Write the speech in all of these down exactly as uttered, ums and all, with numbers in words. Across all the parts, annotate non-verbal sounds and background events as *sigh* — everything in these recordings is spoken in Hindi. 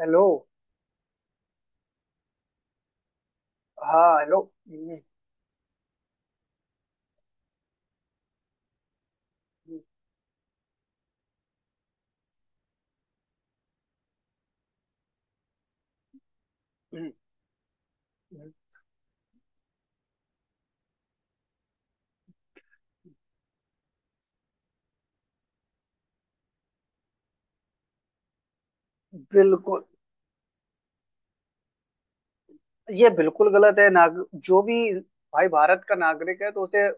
हेलो। हाँ, हेलो। हम्म, हम्म, हम्म, बिल्कुल। ये बिल्कुल गलत है। नाग, जो भी भाई भारत का नागरिक है तो उसे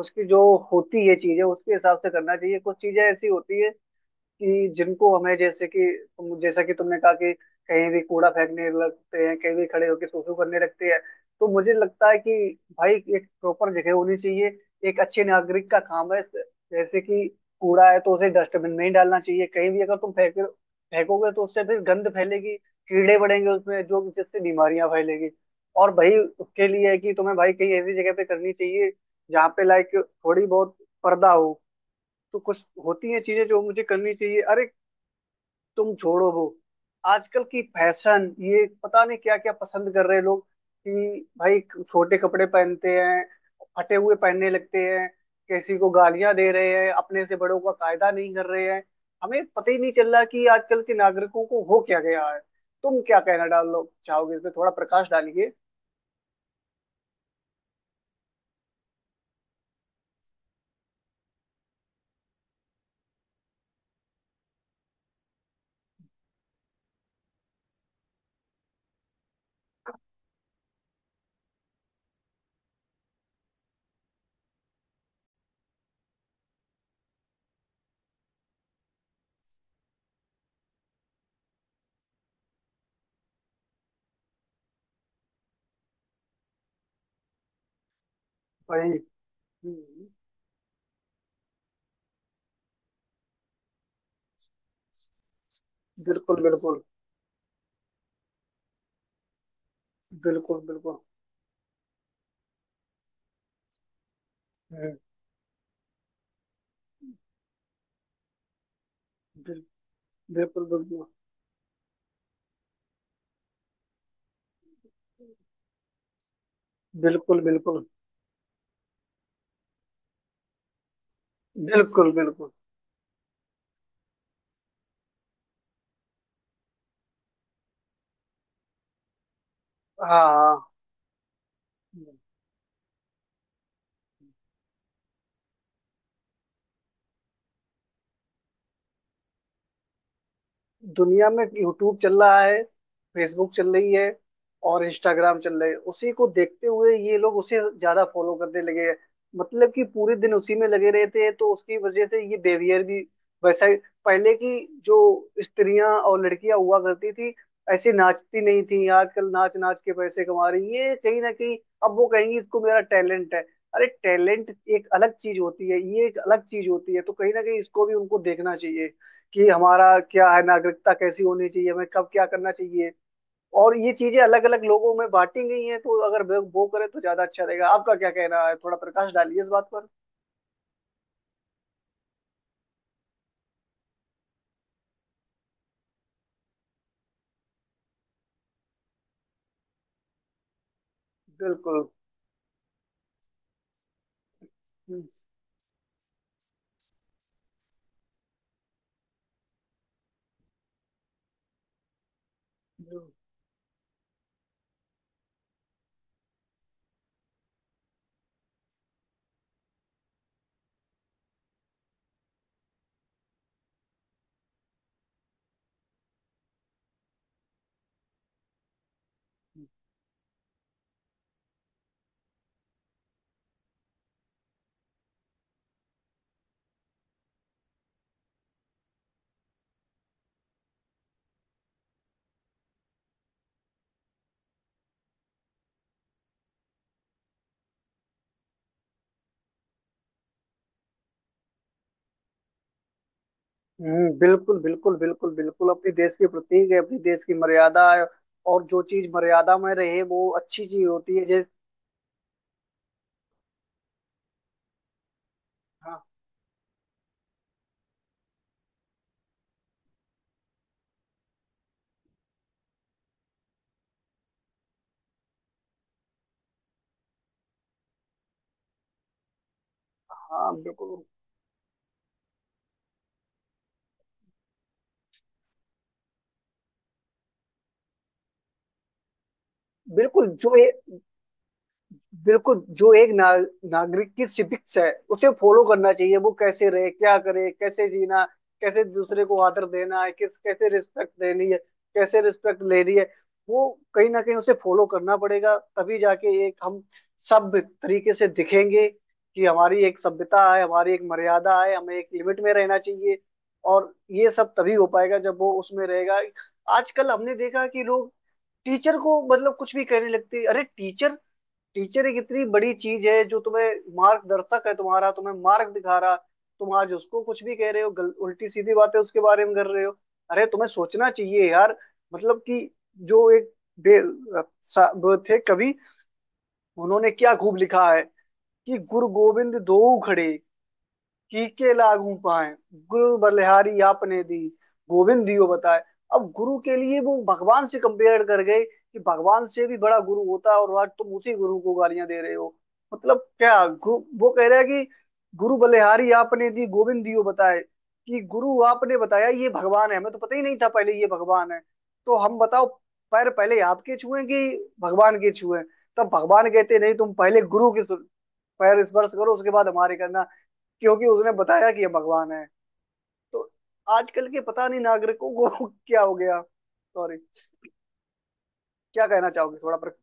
उसकी जो होती है चीजें उसके हिसाब से करना चाहिए। कुछ चीजें ऐसी होती है कि जिनको हमें, जैसे कि तुम, जैसा कि तुमने कहा कि कहीं भी कूड़ा फेंकने लगते हैं, कहीं भी खड़े होकर सुसु करने लगते हैं। तो मुझे लगता है कि भाई एक प्रॉपर जगह होनी चाहिए। एक अच्छे नागरिक का काम है, जैसे कि कूड़ा है तो उसे डस्टबिन में ही डालना चाहिए। कहीं भी अगर तुम फेंक फेंकोगे तो उससे फिर गंद फैलेगी, कीड़े बढ़ेंगे उसमें, जो जिससे बीमारियां फैलेगी। और भाई उसके लिए है कि तुम्हें भाई कहीं ऐसी जगह पे करनी चाहिए जहाँ पे लाइक थोड़ी बहुत पर्दा हो। तो कुछ होती हैं चीजें जो मुझे करनी चाहिए। अरे तुम छोड़ो वो, आजकल की फैशन ये पता नहीं क्या क्या पसंद कर रहे हैं लोग। कि भाई छोटे कपड़े पहनते हैं, फटे हुए पहनने लगते हैं, किसी को गालियां दे रहे हैं, अपने से बड़ों का कायदा नहीं कर रहे हैं। हमें पता ही नहीं चल रहा कि आजकल के नागरिकों को हो क्या गया है। तुम क्या कहना डालो चाहोगे? इस पे थोड़ा प्रकाश डालिए भाई। हम्म, बिल्कुल, बिल्कुल, बिल्कुल, बिल्कुल। हम्म, बिल, बिल्कुल, बिल्कुल, बिल्कुल, बिल्कुल, बिल्कुल, बिल्कुल। हाँ, दुनिया में यूट्यूब चल रहा है, फेसबुक चल रही है, और इंस्टाग्राम चल रही है। उसी को देखते हुए ये लोग उसे ज्यादा फॉलो करने लगे हैं। मतलब कि पूरे दिन उसी में लगे रहते हैं, तो उसकी वजह से ये बिहेवियर भी वैसा ही। पहले की जो स्त्रियां और लड़कियां हुआ करती थी, ऐसे नाचती नहीं थी। आजकल नाच नाच के पैसे कमा रही है, ये कहीं ना कहीं। अब वो कहेंगी इसको, मेरा टैलेंट है। अरे टैलेंट एक अलग चीज होती है, ये एक अलग चीज होती है। तो कहीं ना कहीं इसको भी उनको देखना चाहिए कि हमारा क्या है, नागरिकता कैसी होनी चाहिए, हमें कब क्या करना चाहिए। और ये चीजें अलग अलग लोगों में बांटी गई हैं, तो अगर वो वो करें तो ज्यादा अच्छा रहेगा। आपका क्या कहना है? थोड़ा प्रकाश डालिए इस बात पर। बिल्कुल। हम्म, बिल्कुल, बिल्कुल, बिल्कुल, बिल्कुल। अपने देश के प्रतीक है, अपने देश की मर्यादा है। और जो चीज मर्यादा में रहे वो अच्छी चीज होती है, जैसे। हाँ, हाँ, बिल्कुल, बिल्कुल। जो ये, बिल्कुल, जो एक ना, नागरिक की सिविक्स है, उसे फॉलो करना चाहिए। वो कैसे रहे, क्या करे, कैसे जीना, कैसे दूसरे को आदर देना है, किस कैसे रिस्पेक्ट देनी है, कैसे रिस्पेक्ट लेनी है, वो कहीं ना कहीं उसे फॉलो करना पड़ेगा। तभी जाके एक हम सभ्य तरीके से दिखेंगे कि हमारी एक सभ्यता है, हमारी एक मर्यादा है, हमें एक लिमिट में रहना चाहिए। और ये सब तभी हो पाएगा जब वो उसमें रहेगा। आजकल हमने देखा कि लोग टीचर को मतलब कुछ भी कहने लगते हैं। अरे टीचर, टीचर एक इतनी बड़ी चीज है जो तुम्हें मार्गदर्शक है, तुम्हारा तुम्हें मार्ग दिखा रहा। तुम आज उसको कुछ भी कह रहे हो, गल, उल्टी सीधी बातें उसके बारे में कर रहे हो। अरे तुम्हें सोचना चाहिए यार। मतलब कि जो एक बे, सा- वो थे कवि, उन्होंने क्या खूब लिखा है कि गुरु गोविंद दोऊ खड़े, कीके लागू पाए, गुरु बलिहारी आपने दी, गोविंद दियो बताए। अब गुरु के लिए वो भगवान से कंपेयर कर गए, कि भगवान से भी बड़ा गुरु होता है। और आज तुम उसी गुरु को गालियां दे रहे हो। मतलब क्या गु- वो कह रहा है कि गुरु बलिहारी आपने दी, गोविंद दियो बताए। कि गुरु, आपने बताया ये भगवान है, हमें तो पता ही नहीं था पहले ये भगवान है। तो हम बताओ पैर पहले आपके छुए कि भगवान के छुए? तब भगवान कहते नहीं, तुम पहले गुरु के सु- पैर स्पर्श करो, उसके बाद हमारे करना। क्योंकि उसने बताया कि ये भगवान है। तो आजकल के पता नहीं नागरिकों को *laughs* क्या हो गया, सॉरी। क्या कहना चाहोगे थोड़ा पर?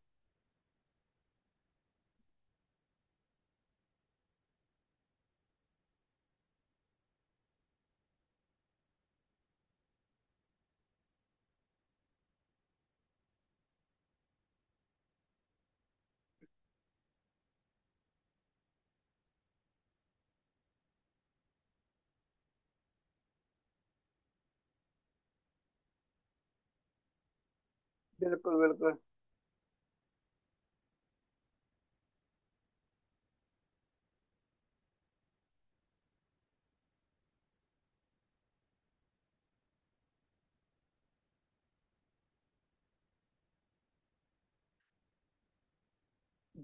बिल्कुल, बिल्कुल,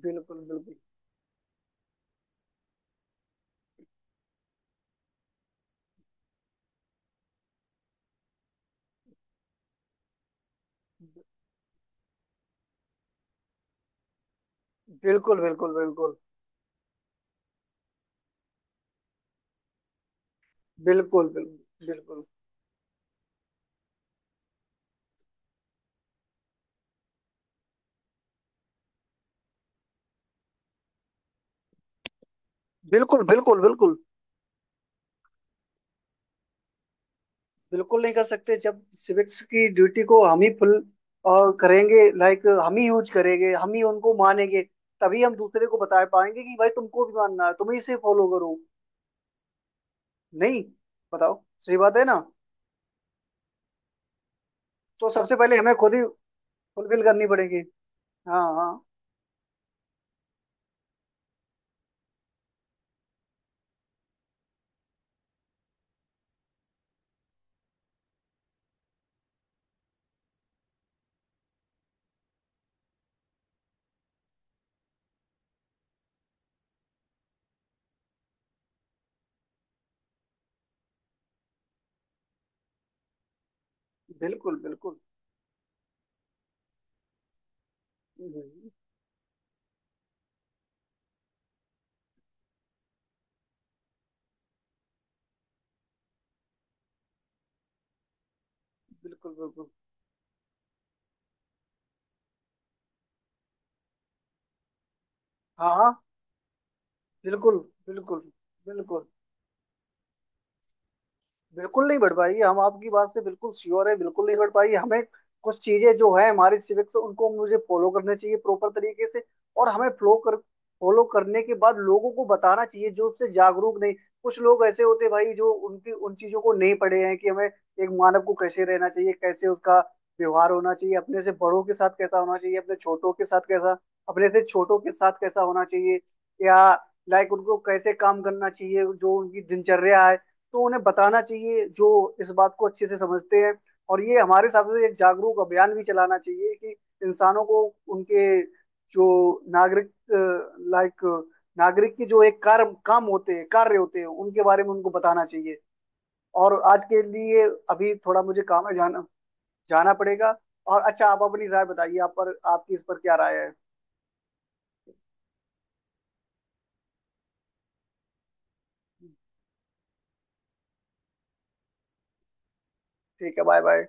बिल्कुल, बिल्कुल, बिल्कुल, बिल्कुल, बिल्कुल, बिल्कुल, बिल्कुल, बिल्कुल, बिल्कुल, बिल्कुल। बिल्कुल नहीं कर सकते। जब सिविक्स की ड्यूटी को हम ही फुल करेंगे, लाइक हम ही यूज करेंगे, हम ही उनको मानेंगे, तभी हम दूसरे को बता पाएंगे कि भाई तुमको भी मानना है, तुम ही से फॉलो करो। नहीं, बताओ, सही बात है ना? तो सबसे पहले हमें खुद ही फुलफिल करनी पड़ेगी। हाँ, हाँ, बिल्कुल, बिल्कुल। हम्म, बिल्कुल, बिल्कुल। हाँ, हाँ, बिल्कुल, बिल्कुल, बिल्कुल। बिल्कुल नहीं बढ़ पाएगी, हम आपकी बात से बिल्कुल श्योर है। बिल्कुल नहीं बढ़ पाएगी। हमें कुछ चीजें जो है हमारी सिविक्स, उनको मुझे फॉलो करने चाहिए प्रॉपर तरीके से। और हमें फ्लो कर फॉलो करने के बाद लोगों को बताना चाहिए जो उससे जागरूक नहीं। कुछ लोग ऐसे होते हैं भाई जो उनकी उन चीजों को नहीं पढ़े हैं कि हमें एक मानव को कैसे रहना चाहिए, कैसे उसका व्यवहार होना चाहिए, अपने से बड़ों के साथ कैसा होना चाहिए, अपने छोटों के साथ कैसा अपने से छोटों के साथ कैसा होना चाहिए, या लाइक उनको कैसे काम करना चाहिए, जो उनकी दिनचर्या है। तो उन्हें बताना चाहिए जो इस बात को अच्छे से समझते हैं। और ये हमारे हिसाब से एक जागरूक अभियान भी चलाना चाहिए कि इंसानों को उनके जो नागरिक, लाइक नागरिक की जो एक कार्य काम होते हैं कार्य होते हैं, उनके बारे में उनको बताना चाहिए। और आज के लिए अभी थोड़ा मुझे काम है, जाना जाना पड़ेगा। और अच्छा, आप अपनी राय बताइए, आप पर आपकी इस पर क्या राय है? ठीक है, बाय बाय।